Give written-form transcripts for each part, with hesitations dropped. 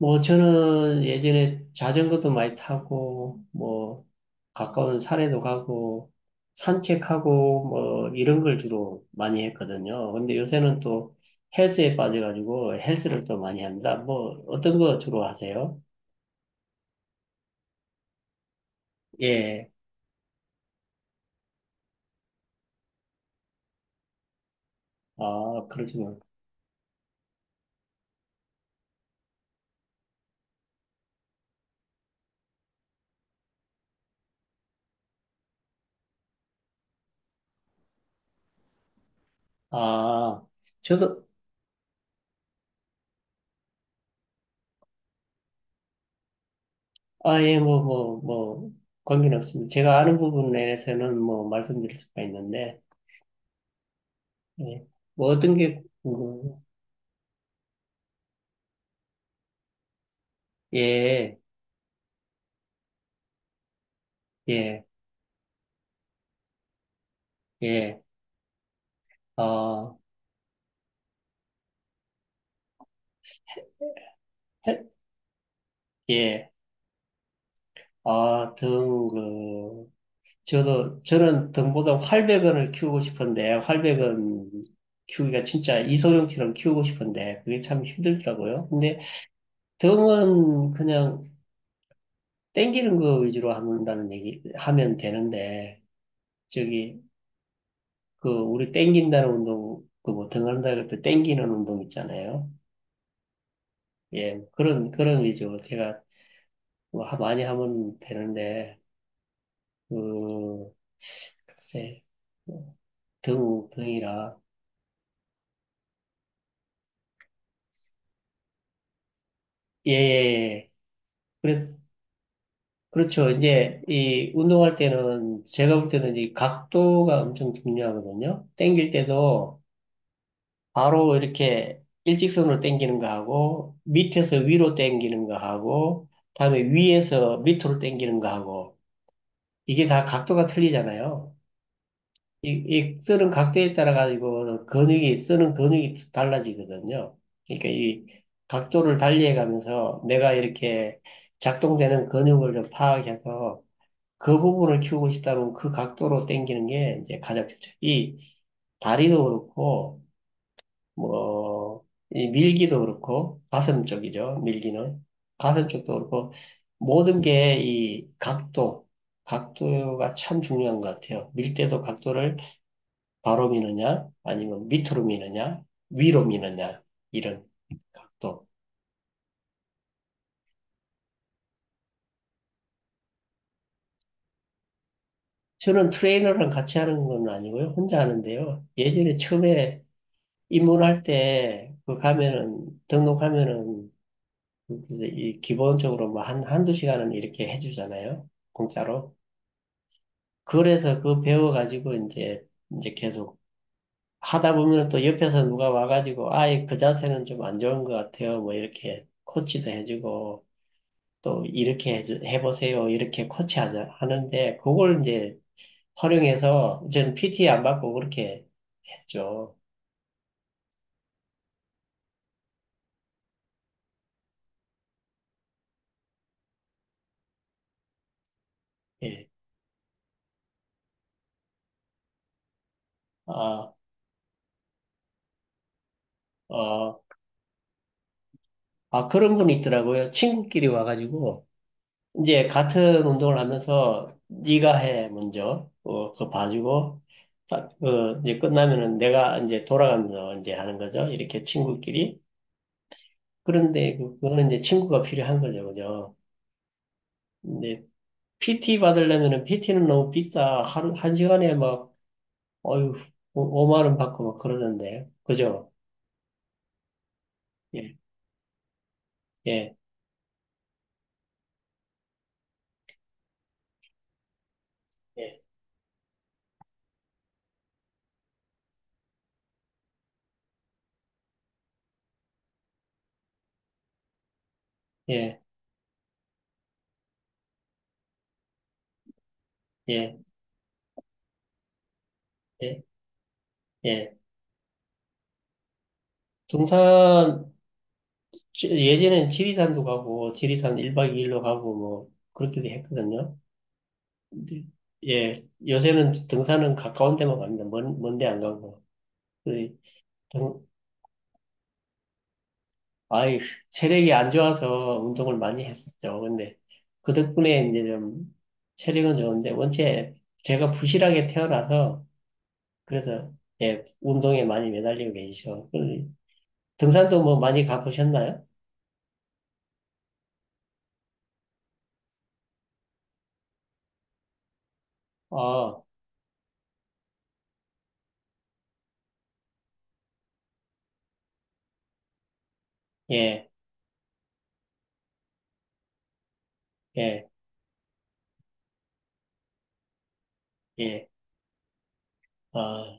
뭐 저는 예전에 자전거도 많이 타고 뭐 가까운 산에도 가고 산책하고 뭐 이런 걸 주로 많이 했거든요. 근데 요새는 또 헬스에 빠져가지고 헬스를 또 많이 합니다. 뭐 어떤 거 주로 하세요? 예. 아, 그러시면 아, 저도 아, 예, 뭐 관계는 없습니다. 제가 아는 부분에서는 뭐 말씀드릴 수가 있는데 예. 뭐 어떤 게 궁금해요? 예. 예. 예. 아, 해- 예. 아, 등, 그, 저도, 저는 등보다 활백은을 키우고 싶은데, 활백은 키우기가 진짜 이소룡처럼 키우고 싶은데, 그게 참 힘들더라고요. 근데 등은 그냥 땡기는 거 위주로 한다는 얘기, 하면 되는데, 저기, 그, 우리 땡긴다는 운동, 그 뭐, 등한다 그럴 때 땡기는 운동 있잖아요. 예, 그런, 그런 위주로 제가 많이 하면 되는데, 음, 글쎄, 뭐, 등무병이라 예, 예, 그래, 그렇죠. 이제 이 운동할 때는 제가 볼 때는 이 각도가 엄청 중요하거든요. 당길 때도 바로 이렇게 일직선으로 당기는 거 하고 밑에서 위로 당기는 거 하고 다음에 위에서 밑으로 당기는 거 하고 이게 다 각도가 틀리잖아요. 이 쓰는 각도에 따라 가지고 근육이 쓰는 근육이 달라지거든요. 그러니까 이 각도를 달리해 가면서 내가 이렇게 작동되는 근육을 좀 파악해서 그 부분을 키우고 싶다면 그 각도로 당기는 게 이제 가장 좋죠. 이 다리도 그렇고 뭐 이 밀기도 그렇고 가슴 쪽이죠. 밀기는 가슴 쪽도 그렇고 모든 게 이 각도, 각도가 참 중요한 것 같아요. 밀 때도 각도를 바로 미느냐, 아니면 밑으로 미느냐, 위로 미느냐, 이런 각도. 저는 트레이너랑 같이 하는 건 아니고요. 혼자 하는데요. 예전에 처음에 입문할 때, 그 가면은, 등록하면은, 이제 이 기본적으로 뭐 한, 한두 시간은 이렇게 해주잖아요. 공짜로. 그래서 그 배워가지고 이제, 이제 계속 하다 보면 또 옆에서 누가 와가지고, 아예 그 자세는 좀 안 좋은 것 같아요. 뭐 이렇게 코치도 해주고, 또 이렇게 해 해보세요. 이렇게 코치하자 하는데 그걸 이제 활용해서 저는 PT 안 받고 그렇게 했죠. 예. 아, 어, 아 그런 분이 있더라고요. 친구끼리 와가지고 이제 같은 운동을 하면서 네가 해 먼저 어, 그거 봐주고 딱, 어, 이제 끝나면은 내가 이제 돌아가면서 이제 하는 거죠. 이렇게 친구끼리. 그런데 그거는 이제 친구가 필요한 거죠. 그죠? 근데 PT 받으려면은 PT는 너무 비싸. 하루, 한 시간에 막, 어휴, 5만 원 받고 막 그러던데. 그죠? 예, 예, 예, 예, 예, 예, 예. 등산, 예전엔 지리산도 가고, 지리산 1박 2일로 가고, 뭐, 그렇게도 했거든요. 근데, 예, 요새는 등산은 가까운 데만 갑니다. 먼, 먼데 안 가고. 그 등, 아이, 체력이 안 좋아서 운동을 많이 했었죠. 근데 그 덕분에 이제 좀 체력은 좋은데 원체 제가 부실하게 태어나서 그래서 예, 운동에 많이 매달리고 계시죠. 그 등산도 뭐 많이 가보셨나요? 어, 예, 예, 예. 아,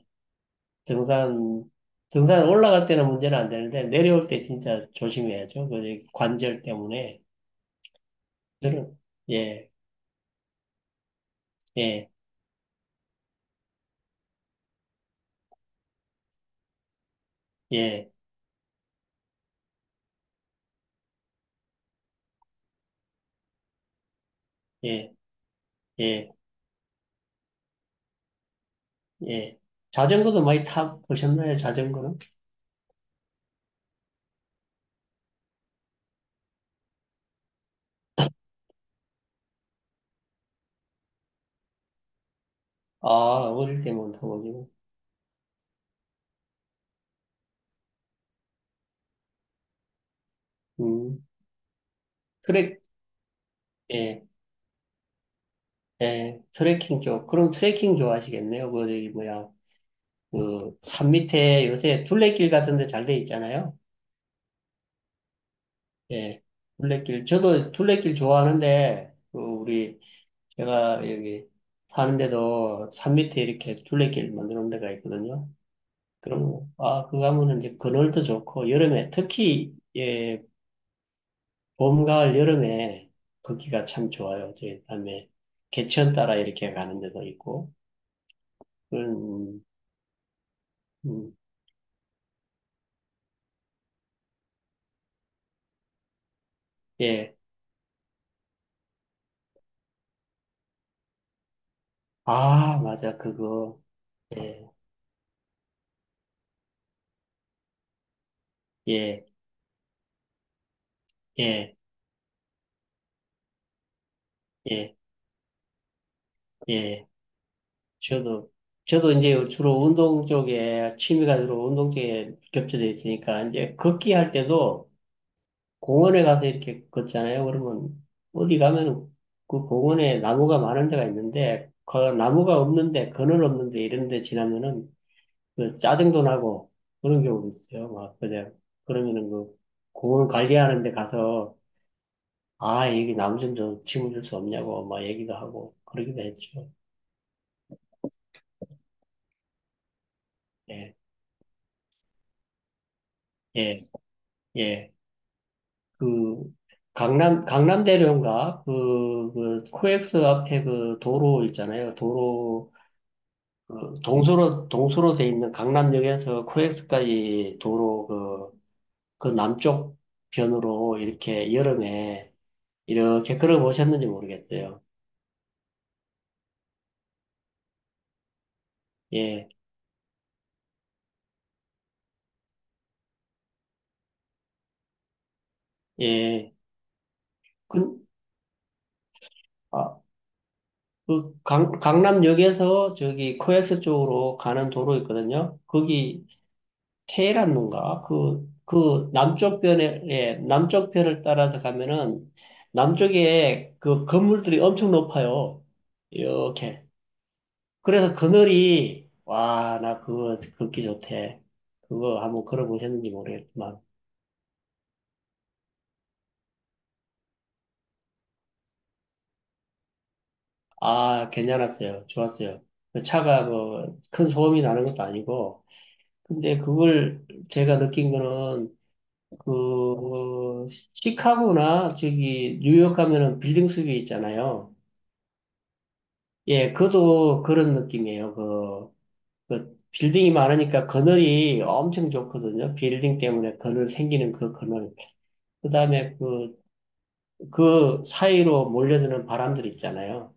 등산, 등산 올라갈 때는 문제는 안 되는데 내려올 때 진짜 조심해야죠. 그 관절 때문에. 저는, 예, 예, 예, 예, 예. 예. 자전거도 많이 타보셨나요, 자전거는? 아, 어릴 때만 타보지고 음, 트랙, 예, 예, 트레킹 쪽. 그럼 트레킹 좋아하시겠네요. 그, 저기, 뭐야, 그, 산 밑에 요새 둘레길 같은 데 잘 돼 있잖아요. 예, 둘레길. 저도 둘레길 좋아하는데, 그, 우리, 제가 여기 사는데도 산 밑에 이렇게 둘레길 만들어 놓은 데가 있거든요. 그럼, 아, 그거 하면은 이제 그늘도 좋고, 여름에 특히, 예, 봄, 가을, 여름에 걷기가 참 좋아요. 이제 다음에 개천 따라 이렇게 가는 데도 있고. 음, 음, 예. 아, 맞아. 그거. 예, 예, 예, 예, 예. 저도, 저도 이제 주로 운동 쪽에, 취미가 주로 운동 쪽에 겹쳐져 있으니까, 이제 걷기 할 때도 공원에 가서 이렇게 걷잖아요. 그러면 어디 가면 그 공원에 나무가 많은 데가 있는데, 그 나무가 없는데, 그늘 없는데 이런 데 지나면은 그 짜증도 나고 그런 경우도 있어요. 막 그냥 그러면은 그 공원 관리하는 데 가서 아 여기 나무 좀 심어줄 수 없냐고 막 얘기도 하고 그러기도 했죠. 예, 예, 예. 그 강남 강남대로인가 그, 그 코엑스 앞에 그 도로 있잖아요. 도로 그 동서로 동서로 돼 있는 강남역에서 코엑스까지 도로 그 그 남쪽 변으로 이렇게 여름에 이렇게 걸어 보셨는지 모르겠어요. 예, 예. 그, 아, 그 강, 강남역에서 저기 코엑스 쪽으로 가는 도로 있거든요. 거기 테헤란로인가? 그, 그 남쪽 변에, 예, 남쪽 변을 따라서 가면은 남쪽에 그 건물들이 엄청 높아요. 이렇게. 그래서 그늘이, 와, 나 그거 걷기 좋대. 그거 한번 걸어보셨는지 모르겠지만. 아, 괜찮았어요. 좋았어요. 그 차가 뭐 큰 소음이 나는 것도 아니고. 근데 그걸 제가 느낀 거는 그 시카고나 저기 뉴욕 가면은 빌딩 숲이 있잖아요. 예, 그도 그런 느낌이에요. 그, 그 빌딩이 많으니까 그늘이 엄청 좋거든요. 빌딩 때문에 그늘 생기는 그 그늘. 그다음에 그, 그 사이로 몰려드는 바람들 있잖아요.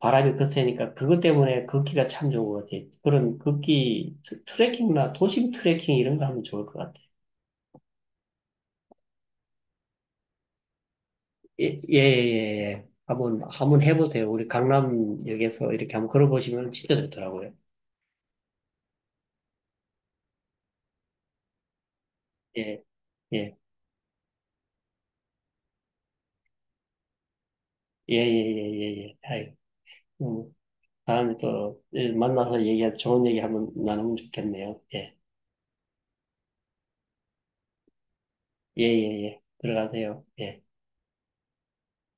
바람이 거세니까 그것 때문에 걷기가 참 좋은 것 같아요. 그런 걷기 트레킹이나 도심 트레킹 이런 거 하면 좋을 것 같아요. 예, 예, 예. 예. 한번, 한번 해보세요. 우리 강남역에서 이렇게 한번 걸어보시면 진짜 좋더라고요. 예, 예, 예, 예, 예, 예, 예. 아이, 음, 다음에 또 예, 만나서 얘기할, 좋은 얘기 한번 나누면 좋겠네요. 예, 예, 예, 예. 들어가세요. 예.